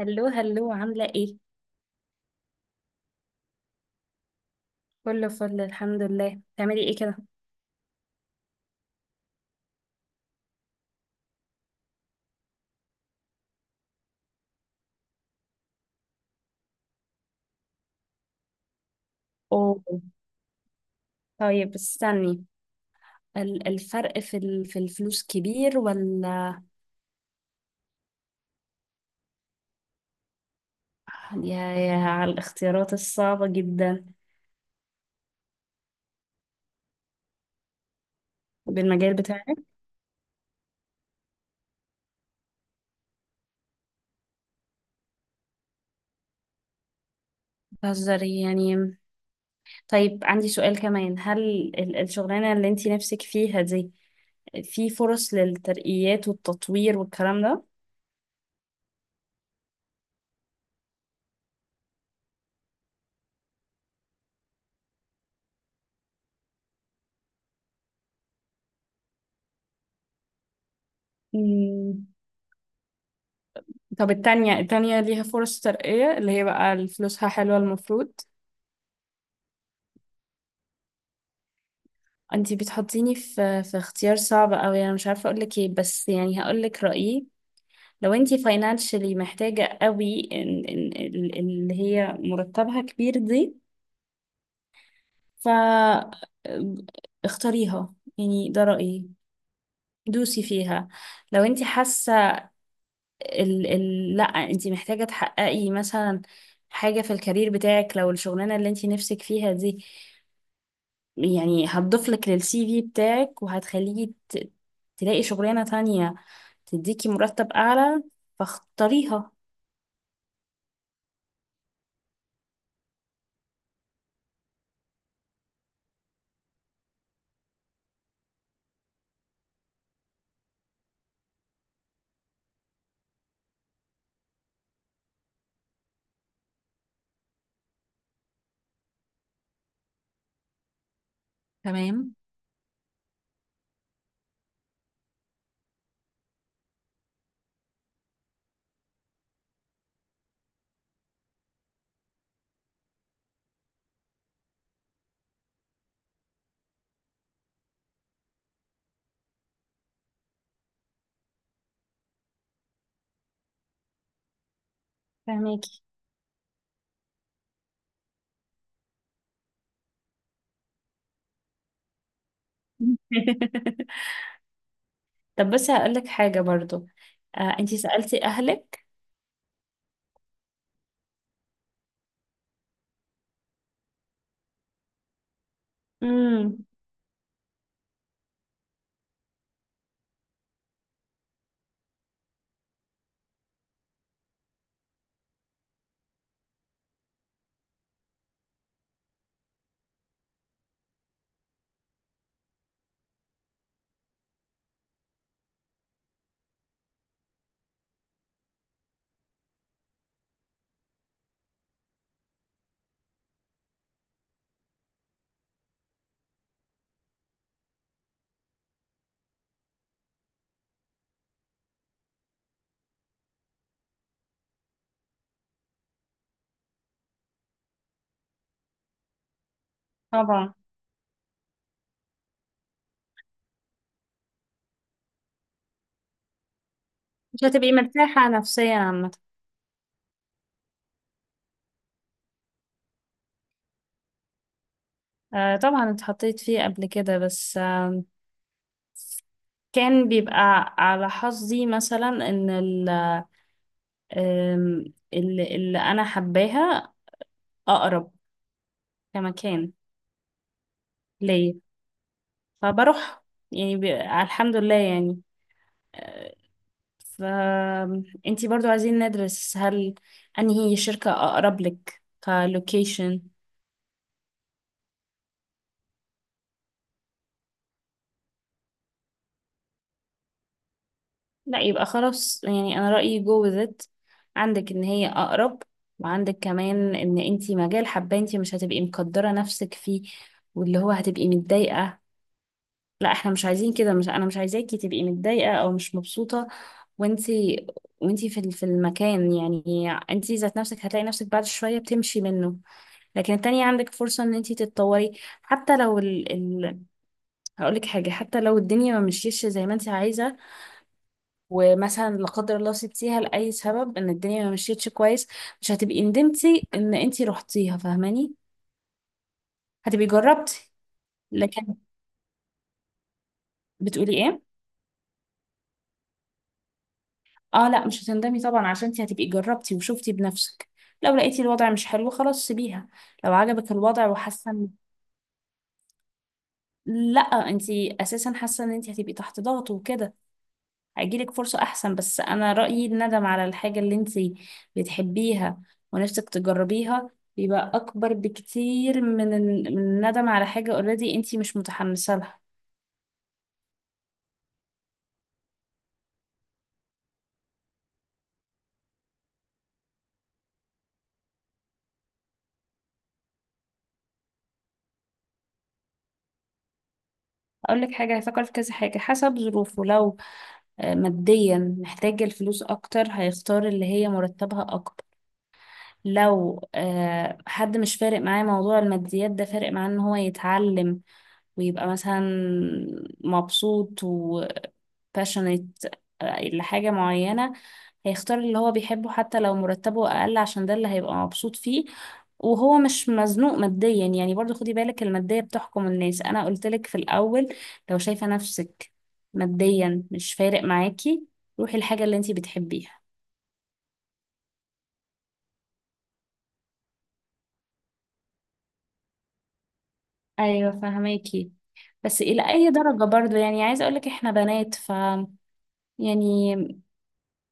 هلو هلو، عاملة ايه؟ كله فل الحمد لله. بتعملي ايه كده؟ اوه. طيب استني. الفرق في في الفلوس كبير ولا؟ يا على الاختيارات الصعبة جدا. بالمجال بتاعك. بتهزري يعني. طيب عندي سؤال كمان. هل الشغلانة اللي انتي نفسك فيها دي، في فرص للترقيات والتطوير والكلام ده؟ مم. طب التانية ليها فرص ترقية اللي هي بقى فلوسها حلوة المفروض. انتي بتحطيني في اختيار صعب قوي. انا مش عارفه اقول لك ايه، بس يعني هقول لك رايي. لو انتي فاينانشلي محتاجه قوي إن اللي هي مرتبها كبير دي، ف اختاريها، يعني ده رايي. دوسي فيها. لو انتي حاسه لا، انتي محتاجه تحققي مثلا حاجه في الكارير بتاعك، لو الشغلانه اللي انتي نفسك فيها دي يعني هتضيف لك للسي في بتاعك وهتخليكي تلاقي شغلانه تانية تديكي مرتب أعلى، فاختاريها. تمام. فهماكي. طب بس هقولك حاجة برضو. انتي سألتي أهلك؟ امم طبعا. مش هتبقي مرتاحة نفسيا عامة. طبعا اتحطيت فيه قبل كده، بس كان بيبقى على حظي مثلا ان آم، اللي انا حباها اقرب كمكان ليا، فبروح يعني. الحمد لله يعني. آه، فانتي برضو عايزين ندرس. هل انهي شركة اقرب لك كلوكيشن؟ لا، يبقى خلاص. يعني انا رأيي جو with it. عندك ان هي اقرب، وعندك كمان ان انتي مجال حابة. انتي مش هتبقي مقدرة نفسك فيه، واللي هو هتبقي متضايقة. لا، احنا مش عايزين كده. مش، انا مش عايزاكي تبقي متضايقة او مش مبسوطة. وانتي وانتي في في المكان يعني، انتي ذات نفسك هتلاقي نفسك بعد شوية بتمشي منه. لكن التانية عندك فرصة ان انتي تتطوري. حتى لو هقولك حاجة، حتى لو الدنيا ما مشيتش زي ما انتي عايزة ومثلا لا قدر الله سبتيها لأي سبب، ان الدنيا ما مشيتش كويس، مش هتبقي ندمتي ان انتي رحتيها، فاهماني؟ هتبقي جربتي. لكن بتقولي ايه؟ اه لا، مش هتندمي طبعا، عشان انتي هتبقي جربتي وشفتي بنفسك. لو لقيتي الوضع مش حلو، خلاص سيبيها. لو عجبك الوضع وحاسه لا، انتي اساسا حاسه ان انتي هتبقي تحت ضغط وكده هيجيلك فرصة أحسن. بس أنا رأيي الندم على الحاجة اللي انتي بتحبيها ونفسك تجربيها بيبقى أكبر بكتير من من الندم على حاجة اوريدي انتي مش متحمسة لها. أقول لك حاجة، هيفكر في كذا حاجة حسب ظروفه. لو ماديا محتاج الفلوس أكتر، هيختار اللي هي مرتبها أكبر. لو حد مش فارق معاه موضوع الماديات ده، فارق معاه ان هو يتعلم ويبقى مثلا مبسوط passionate لحاجة معينة، هيختار اللي هو بيحبه حتى لو مرتبه أقل، عشان ده اللي هيبقى مبسوط فيه وهو مش مزنوق ماديا. يعني برضو خدي بالك، المادية بتحكم الناس. أنا قلتلك في الأول، لو شايفة نفسك ماديا مش فارق معاكي، روحي الحاجة اللي انتي بتحبيها. أيوة فهماكي. بس إلى أي درجة؟ برضو يعني عايزة أقولك إحنا بنات ف يعني،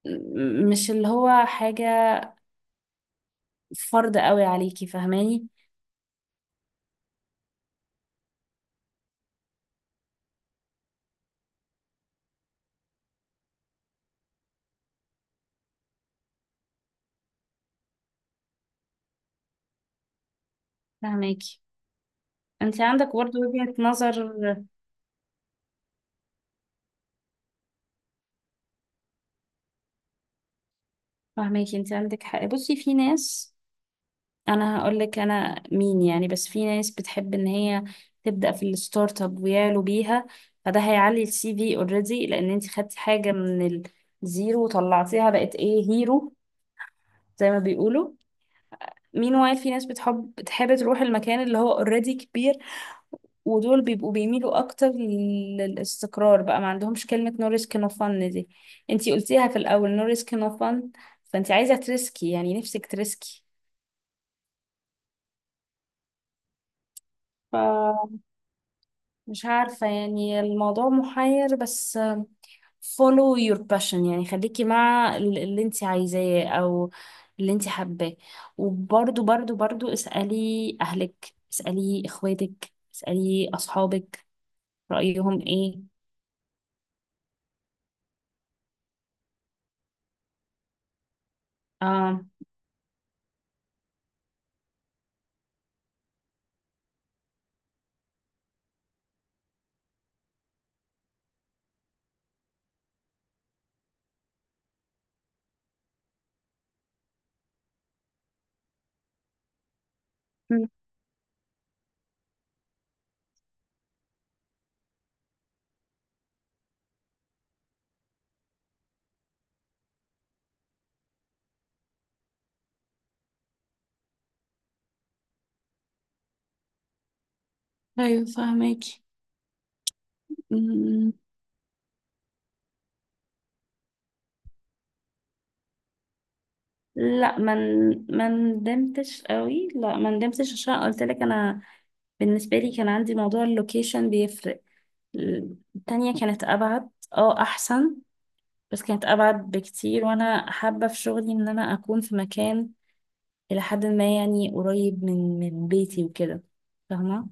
مش اللي هو حاجة فرض قوي عليكي، فهماني؟ فهماكي، انت عندك برضه وجهة نظر. فاهماكي، انت عندك حق. بصي، في ناس، انا هقول لك انا مين يعني، بس في ناس بتحب ان هي تبدأ في الستارت اب ويعلو بيها، فده هيعلي السي في اوريدي لان انت خدتي حاجة من الزيرو وطلعتيها بقت ايه هيرو، زي ما بيقولوا. مين وايل، في ناس بتحب تروح المكان اللي هو اوريدي كبير، ودول بيبقوا بيميلوا اكتر للاستقرار، بقى ما عندهمش كلمة no risk no fun دي. انتي قلتيها في الاول، no risk no fun. فانتي عايزة تريسكي، يعني نفسك تريسكي. فمش عارفة يعني، الموضوع محير. بس follow your passion، يعني خليكي مع اللي انتي عايزاه او اللي انتي حباه. وبرضو برضو برضو اسألي اهلك، اسألي اخواتك، اسألي اصحابك، رأيهم ايه. آه. مم. ايوه فهماكي. مم، لا ما ندمتش قوي. لا، ما ندمتش عشان قلت لك انا بالنسبه لي كان عندي موضوع اللوكيشن بيفرق. التانية كانت ابعد، اه احسن، بس كانت ابعد بكتير وانا حابه في شغلي ان انا اكون في مكان الى حد ما يعني قريب من بيتي وكده، فاهمه؟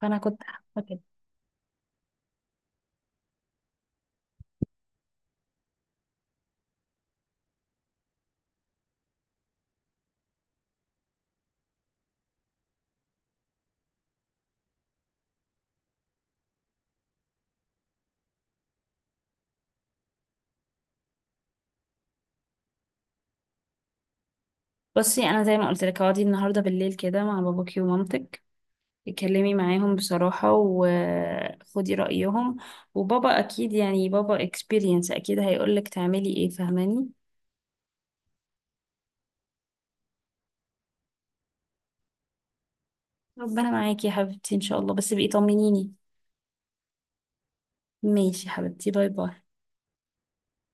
فانا كنت حابه كده. بصي، انا زي ما قلت لك، اقعدي النهارده بالليل كده مع باباكي ومامتك، اتكلمي معاهم بصراحة وخدي رأيهم. وبابا أكيد، يعني بابا اكسبيرينس، أكيد هيقولك تعملي ايه، فاهماني؟ ربنا معاكي يا حبيبتي إن شاء الله، بس بقي طمنيني. ماشي يا حبيبتي، باي باي.